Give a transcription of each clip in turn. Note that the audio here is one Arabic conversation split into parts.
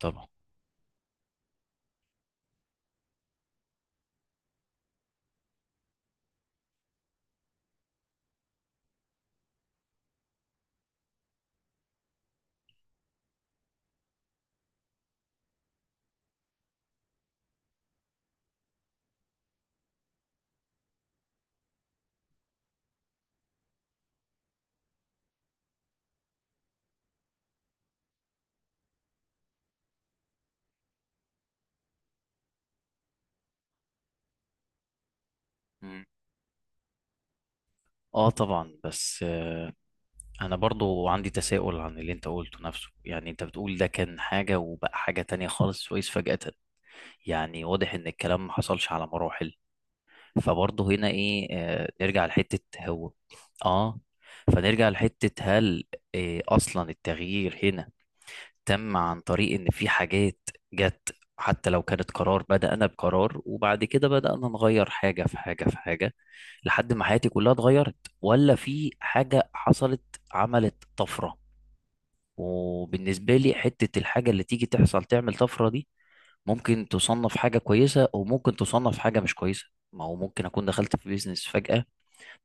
طبعا. مم. اه طبعا بس انا برضو عندي تساؤل عن اللي انت قلته نفسه. يعني انت بتقول ده كان حاجة وبقى حاجة تانية خالص سويس فجأة. يعني واضح ان الكلام ما حصلش على مراحل. فبرضو هنا ايه نرجع لحتة هو. اه فنرجع لحتة هل اصلا التغيير هنا تم عن طريق ان في حاجات جت، حتى لو كانت قرار. بدأنا بقرار وبعد كده بدأنا نغير حاجة في حاجة في حاجة لحد ما حياتي كلها اتغيرت. ولا في حاجة حصلت، عملت طفرة. وبالنسبة لي حتة الحاجة اللي تيجي تحصل تعمل طفرة دي، ممكن تصنف حاجة كويسة وممكن تصنف حاجة مش كويسة. ما هو ممكن أكون دخلت في بيزنس فجأة،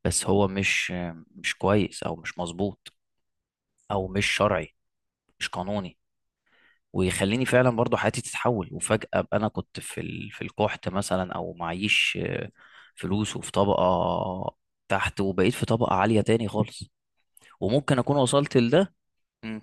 بس هو مش كويس أو مش مظبوط، أو مش شرعي، مش قانوني. ويخليني فعلا برضو حياتي تتحول، وفجأة ابقى انا كنت في في القحط مثلا او معيش فلوس، وفي طبقة تحت، وبقيت في طبقة عالية تاني خالص. وممكن اكون وصلت لده. مم.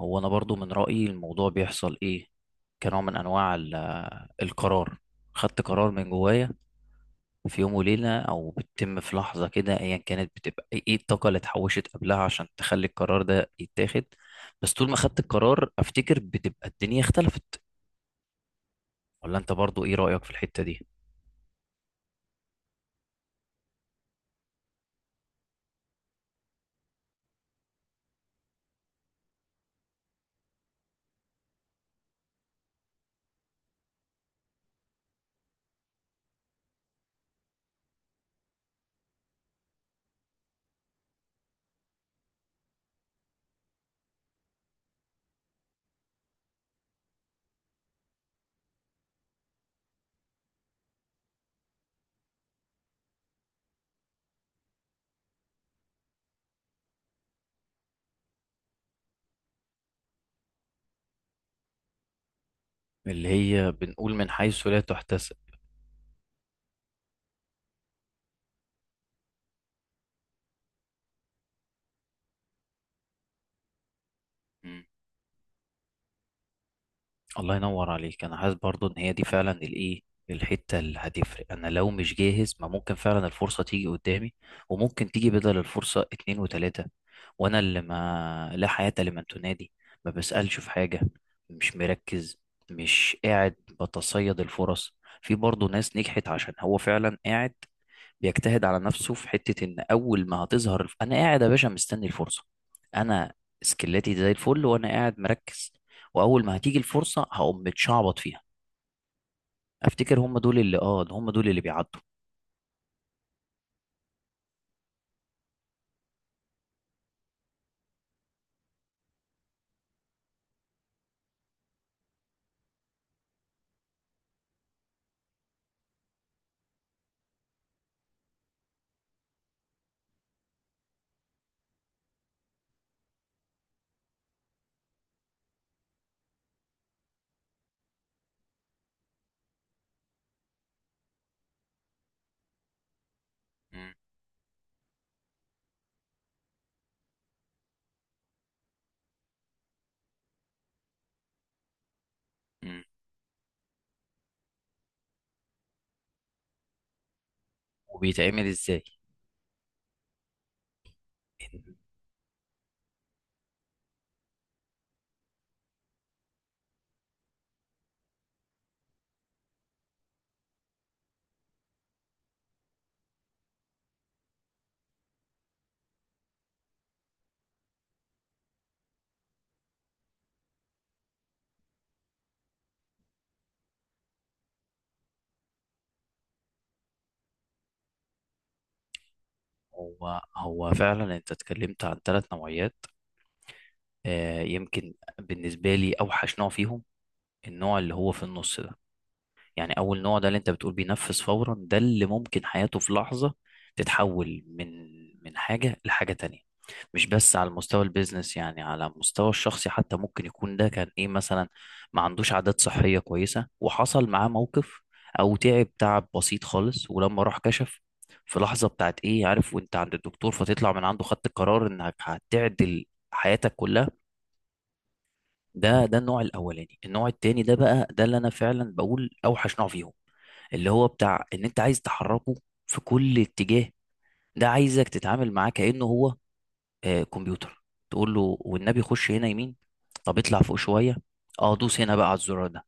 هو انا برضو من رأيي الموضوع بيحصل ايه، كنوع من انواع القرار. خدت قرار من جوايا في يوم وليلة او بتتم في لحظة كده ايا كانت. بتبقى ايه الطاقة اللي اتحوشت قبلها عشان تخلي القرار ده يتاخد. بس طول ما خدت القرار افتكر بتبقى الدنيا اختلفت. ولا انت برضو ايه رأيك في الحتة دي؟ اللي هي بنقول من حيث لا تحتسب. مم. الله ينور عليك. انا حاسس برضو ان هي دي فعلا الحتة اللي هتفرق. انا لو مش جاهز ما ممكن فعلا الفرصة تيجي قدامي، وممكن تيجي بدل الفرصة اتنين وتلاتة، وانا اللي ما لا حياة لمن تنادي. ما بسألش في حاجة، مش مركز، مش قاعد بتصيد الفرص. في برضو ناس نجحت عشان هو فعلا قاعد بيجتهد على نفسه في حتة ان اول ما هتظهر انا قاعد يا باشا مستني الفرصة. انا سكلاتي زي الفل وانا قاعد مركز، واول ما هتيجي الفرصة هقوم متشعبط فيها. افتكر هم دول اللي هم دول اللي بيعدوا. مم. مم. وبيتعمل ازاي؟ إن هو فعلا انت اتكلمت عن ثلاث نوعيات. آه يمكن بالنسبة لي اوحش نوع فيهم، النوع اللي هو في النص ده. يعني اول نوع ده اللي انت بتقول بينفذ فورا، ده اللي ممكن حياته في لحظة تتحول من حاجة لحاجة تانية. مش بس على مستوى البيزنس يعني على مستوى الشخصي، حتى ممكن يكون ده كان ايه مثلا، ما عندوش عادات صحية كويسة وحصل معاه موقف، او تعب تعب بسيط خالص. ولما راح كشف في لحظة بتاعت ايه عارف وانت عند الدكتور، فتطلع من عنده خدت القرار انك هتعدل حياتك كلها. ده النوع الاولاني. النوع التاني ده بقى ده اللي انا فعلا بقول اوحش نوع فيهم، اللي هو بتاع ان انت عايز تحركه في كل اتجاه. ده عايزك تتعامل معاه كأنه هو كمبيوتر. تقول له والنبي خش هنا يمين، طب اطلع فوق شوية، اه دوس هنا بقى على الزرار ده.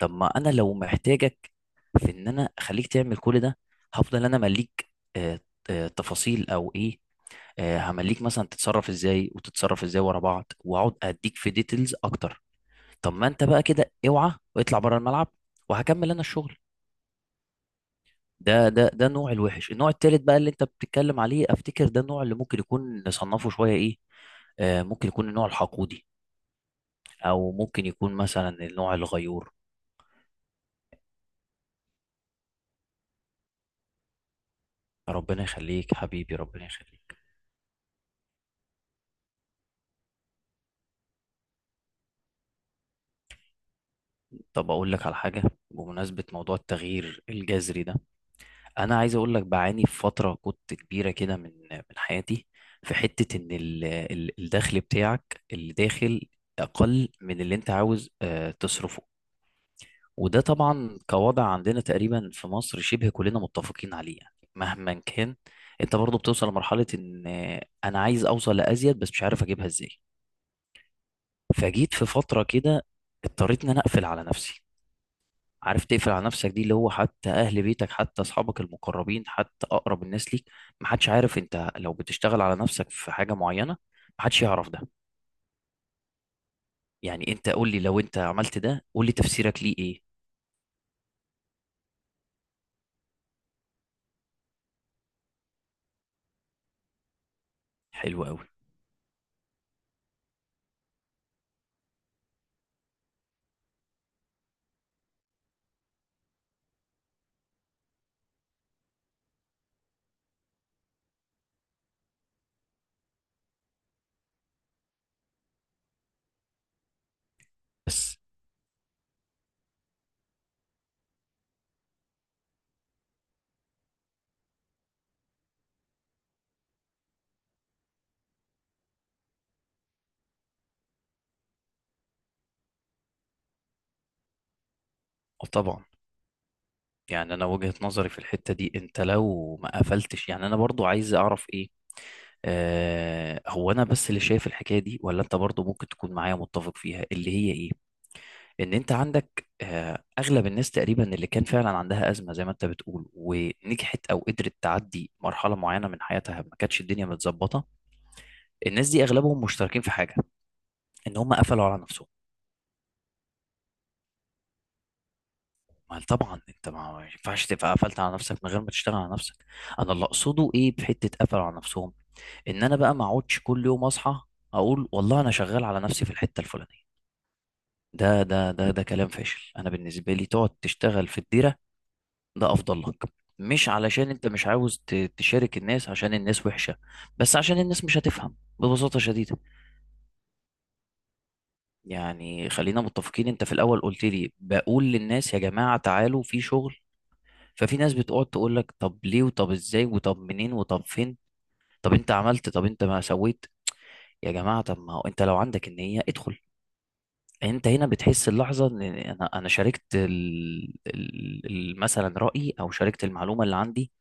طب ما انا لو محتاجك في ان انا اخليك تعمل كل ده، هفضل انا مليك آه تفاصيل او ايه، همليك مثلا تتصرف ازاي وتتصرف ازاي ورا بعض واقعد اديك في ديتيلز اكتر. طب ما انت بقى كده اوعى واطلع بره الملعب وهكمل انا الشغل. ده النوع الوحش. النوع التالت بقى اللي انت بتتكلم عليه افتكر ده النوع اللي ممكن يكون نصنفه شوية ايه، ممكن يكون النوع الحقودي، او ممكن يكون مثلا النوع الغيور. ربنا يخليك حبيبي، ربنا يخليك. طب اقول لك على حاجة. بمناسبة موضوع التغيير الجذري ده، انا عايز اقول لك بعاني في فترة كنت كبيرة كده من حياتي. في حتة ان الدخل بتاعك اللي داخل اقل من اللي انت عاوز تصرفه. وده طبعا كوضع عندنا تقريبا في مصر شبه كلنا متفقين عليه. يعني مهما كان، انت برضو بتوصل لمرحلة ان انا عايز اوصل لازيد بس مش عارف اجيبها ازاي. فجيت في فترة كده اضطريت ان انا اقفل على نفسي. عارف تقفل على نفسك دي؟ اللي هو حتى اهل بيتك، حتى اصحابك المقربين، حتى اقرب الناس ليك، محدش عارف انت لو بتشتغل على نفسك في حاجة معينة، محدش يعرف ده. يعني انت قول لي لو انت عملت ده قول لي تفسيرك ليه ايه؟ حلو قوي. بس طبعا يعني انا وجهة نظري في الحتة دي، انت لو ما قفلتش، يعني انا برضو عايز اعرف ايه، هو انا بس اللي شايف الحكاية دي ولا انت برضو ممكن تكون معايا متفق فيها؟ اللي هي ايه، ان انت عندك اغلب الناس تقريبا اللي كان فعلا عندها ازمة زي ما انت بتقول ونجحت او قدرت تعدي مرحلة معينة من حياتها ما كانتش الدنيا متظبطة. الناس دي اغلبهم مشتركين في حاجة، ان هم قفلوا على نفسهم. ما طبعا انت ما ينفعش تبقى قفلت على نفسك من غير ما تشتغل على نفسك. انا اللي اقصده ايه، بحته قفلوا على نفسهم. ان انا بقى ما اقعدش كل يوم اصحى اقول والله انا شغال على نفسي في الحته الفلانيه. ده كلام فاشل. انا بالنسبه لي تقعد تشتغل في الديره ده افضل لك. مش علشان انت مش عاوز تشارك الناس عشان الناس وحشه، بس عشان الناس مش هتفهم ببساطه شديده. يعني خلينا متفقين، انت في الاول قلت لي بقول للناس يا جماعه تعالوا في شغل، ففي ناس بتقعد تقول لك طب ليه وطب ازاي وطب منين وطب فين، طب انت عملت طب انت ما سويت. يا جماعه طب ما هو انت لو عندك النيه ادخل. انت هنا بتحس اللحظه ان انا شاركت مثلا رايي او شاركت المعلومه اللي عندي،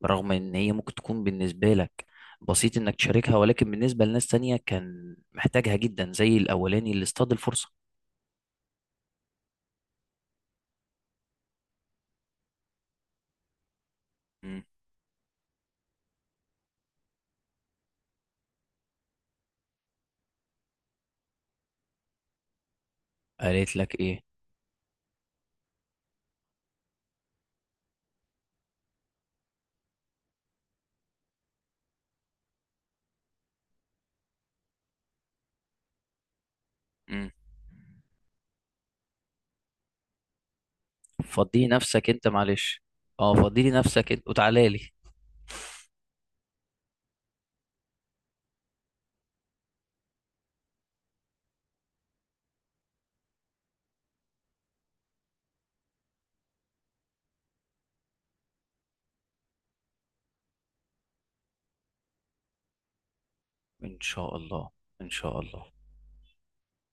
برغم ان هي ممكن تكون بالنسبه لك بسيط انك تشاركها، ولكن بالنسبه لناس تانية كان محتاجها جدا زي الاولاني اللي اصطاد الفرصه. مم. قالت لك ايه؟ مم. فضي نفسك انت معلش. اه فضي لي نفسك انت وتعالى لي. ان شاء الله، ان شاء الله.